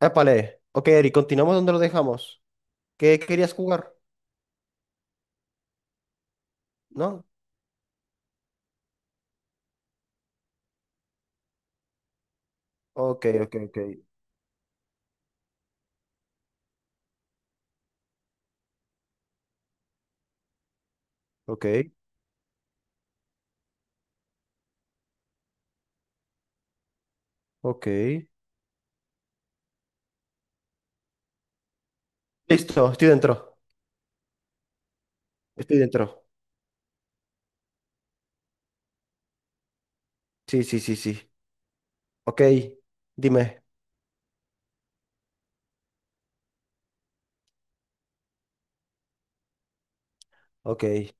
Épale. Ok, Eri, continuamos donde lo dejamos. ¿Qué querías jugar? ¿No? Ok, ok, ok. Ok, ok. Listo, estoy dentro. Estoy dentro. Sí, sí, sí, sí. Ok, dime. Ok.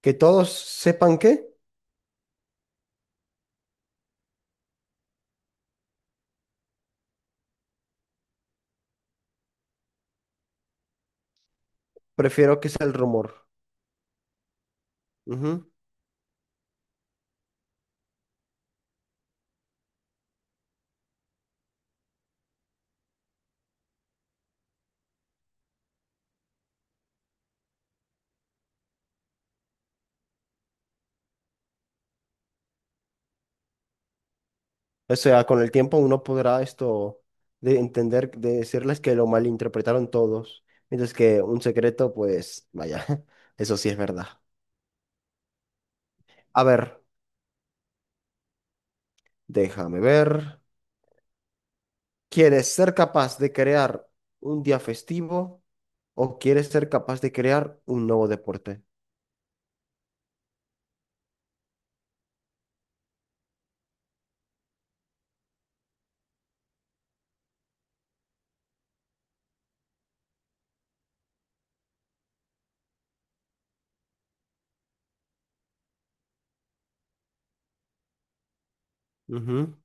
Que todos sepan qué, prefiero que sea el rumor. Ujú. O sea, con el tiempo uno podrá esto de entender, de decirles que lo malinterpretaron todos. Mientras que un secreto, pues, vaya, eso sí es verdad. A ver, déjame ver. ¿Quieres ser capaz de crear un día festivo o quieres ser capaz de crear un nuevo deporte? Ujú.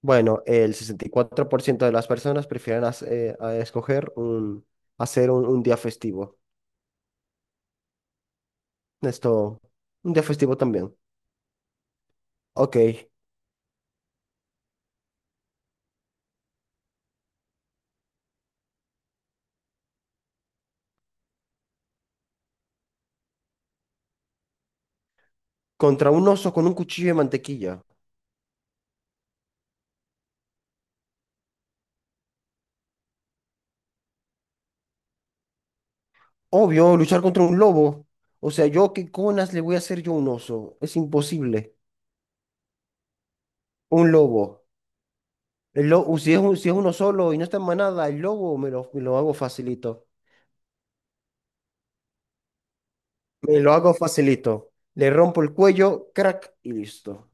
Bueno, el 64% de las personas prefieren a hacer un día festivo. Esto, un día festivo también. Ok, contra un oso con un cuchillo de mantequilla. Obvio, luchar contra un lobo. O sea, yo qué conas le voy a hacer yo a un oso. Es imposible. Un lobo. El lo- si es, un- Si es uno solo y no está en manada, el lobo me lo hago facilito. Me lo hago facilito. Le rompo el cuello, crack, y listo.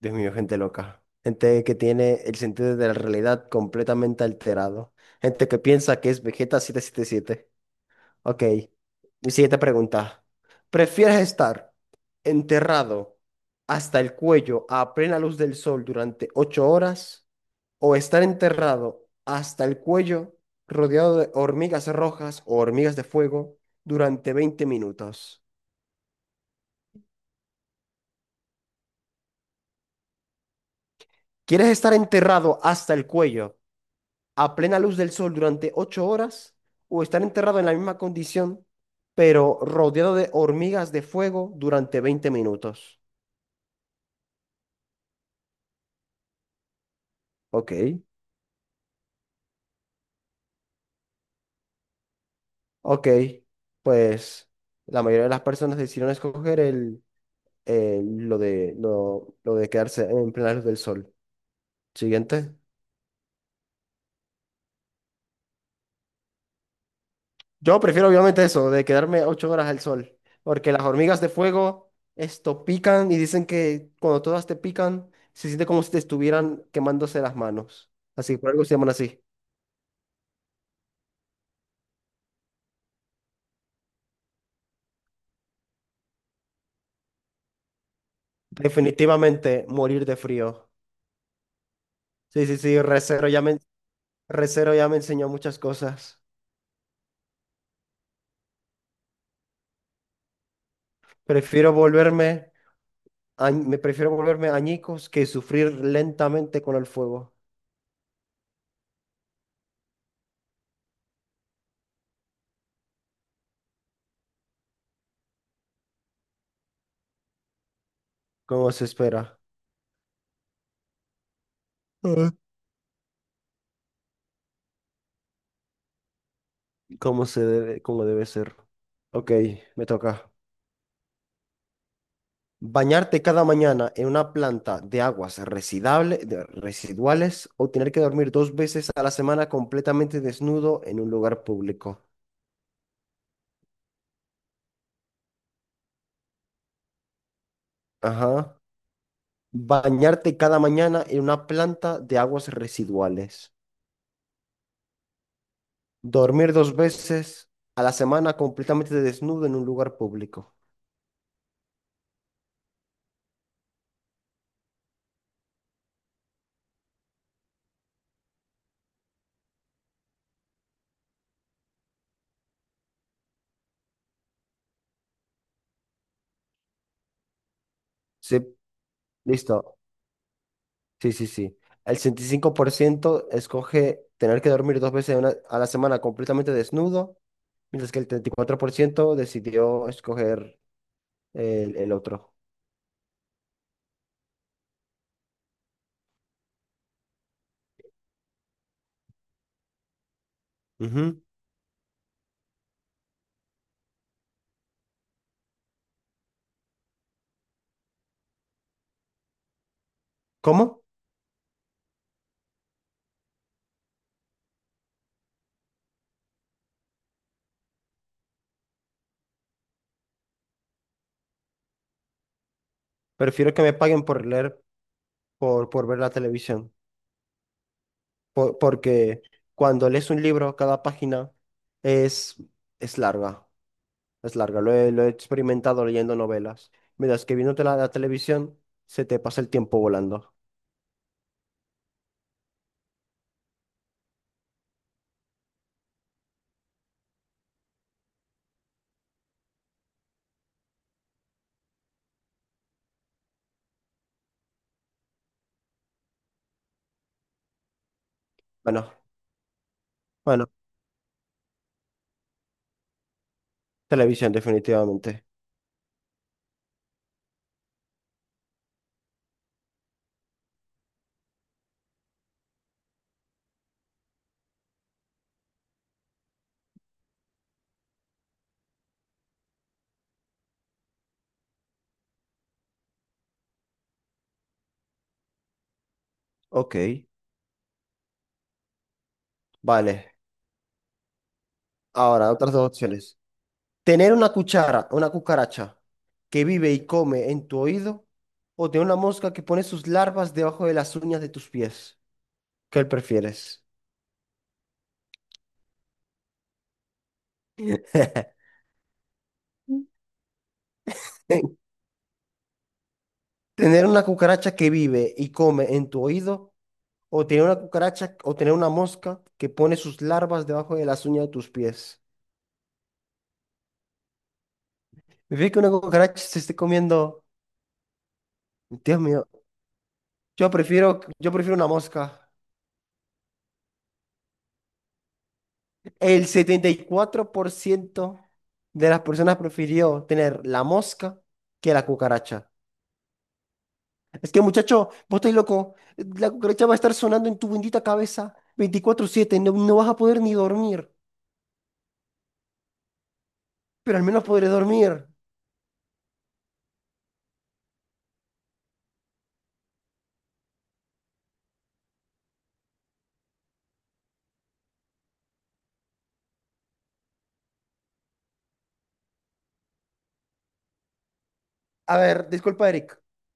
Dios mío, gente loca. Gente que tiene el sentido de la realidad completamente alterado. Gente que piensa que es Vegeta 777. Ok, mi siguiente pregunta. ¿Prefieres estar enterrado hasta el cuello a plena luz del sol durante 8 horas o estar enterrado hasta el cuello rodeado de hormigas rojas o hormigas de fuego durante 20 minutos? ¿Quieres estar enterrado hasta el cuello a plena luz del sol durante 8 horas o estar enterrado en la misma condición pero rodeado de hormigas de fuego durante 20 minutos? Ok, ok, pues la mayoría de las personas decidieron escoger lo de quedarse en plena luz del sol. Siguiente. Yo prefiero obviamente eso, de quedarme 8 horas al sol, porque las hormigas de fuego, esto, pican y dicen que cuando todas te pican, se siente como si te estuvieran quemándose las manos. Así, por algo se llaman así. Definitivamente morir de frío. Sí, sí, sí, Recero ya me enseñó muchas cosas. Prefiero volverme, me prefiero volverme añicos que sufrir lentamente con el fuego, como se espera. Ah. Como se debe, como debe ser. Ok, me toca. Bañarte cada mañana en una planta de aguas residuales o tener que dormir dos veces a la semana completamente desnudo en un lugar público. Ajá. Bañarte cada mañana en una planta de aguas residuales. Dormir dos veces a la semana completamente desnudo en un lugar público. Sí, listo. Sí, sí, sí. El 65% escoge tener que dormir dos veces a la semana completamente desnudo mientras que el 34% decidió escoger el otro. Ujú. ¿Cómo? Prefiero que me paguen por ver la televisión, porque cuando lees un libro, cada página es, es larga, es larga. Lo he experimentado leyendo novelas, mientras que viéndote la televisión, se te pasa el tiempo volando. Bueno, bueno, televisión definitivamente. Ok, vale. Ahora, otras dos opciones. Tener una cucaracha que vive y come en tu oído, o tener una mosca que pone sus larvas debajo de las uñas de tus pies. ¿Qué prefieres? Tener una cucaracha que vive y come en tu oído, o tener una mosca que pone sus larvas debajo de las uñas de tus pies. Me fíjate que una cucaracha se esté comiendo. Dios mío, yo prefiero una mosca. El 74% de las personas prefirió tener la mosca que la cucaracha. Es que, muchacho, vos estás loco. La cucaracha va a estar sonando en tu bendita cabeza 24/7. No, no vas a poder ni dormir, pero al menos podré dormir. A ver, disculpa, Eric.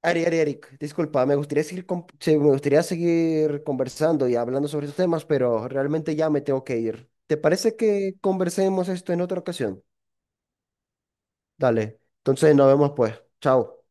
Ari, Ari, Eric, disculpa. Me gustaría seguir conversando y hablando sobre estos temas, pero realmente ya me tengo que ir. ¿Te parece que conversemos esto en otra ocasión? Dale. Entonces, nos vemos pues. Chao.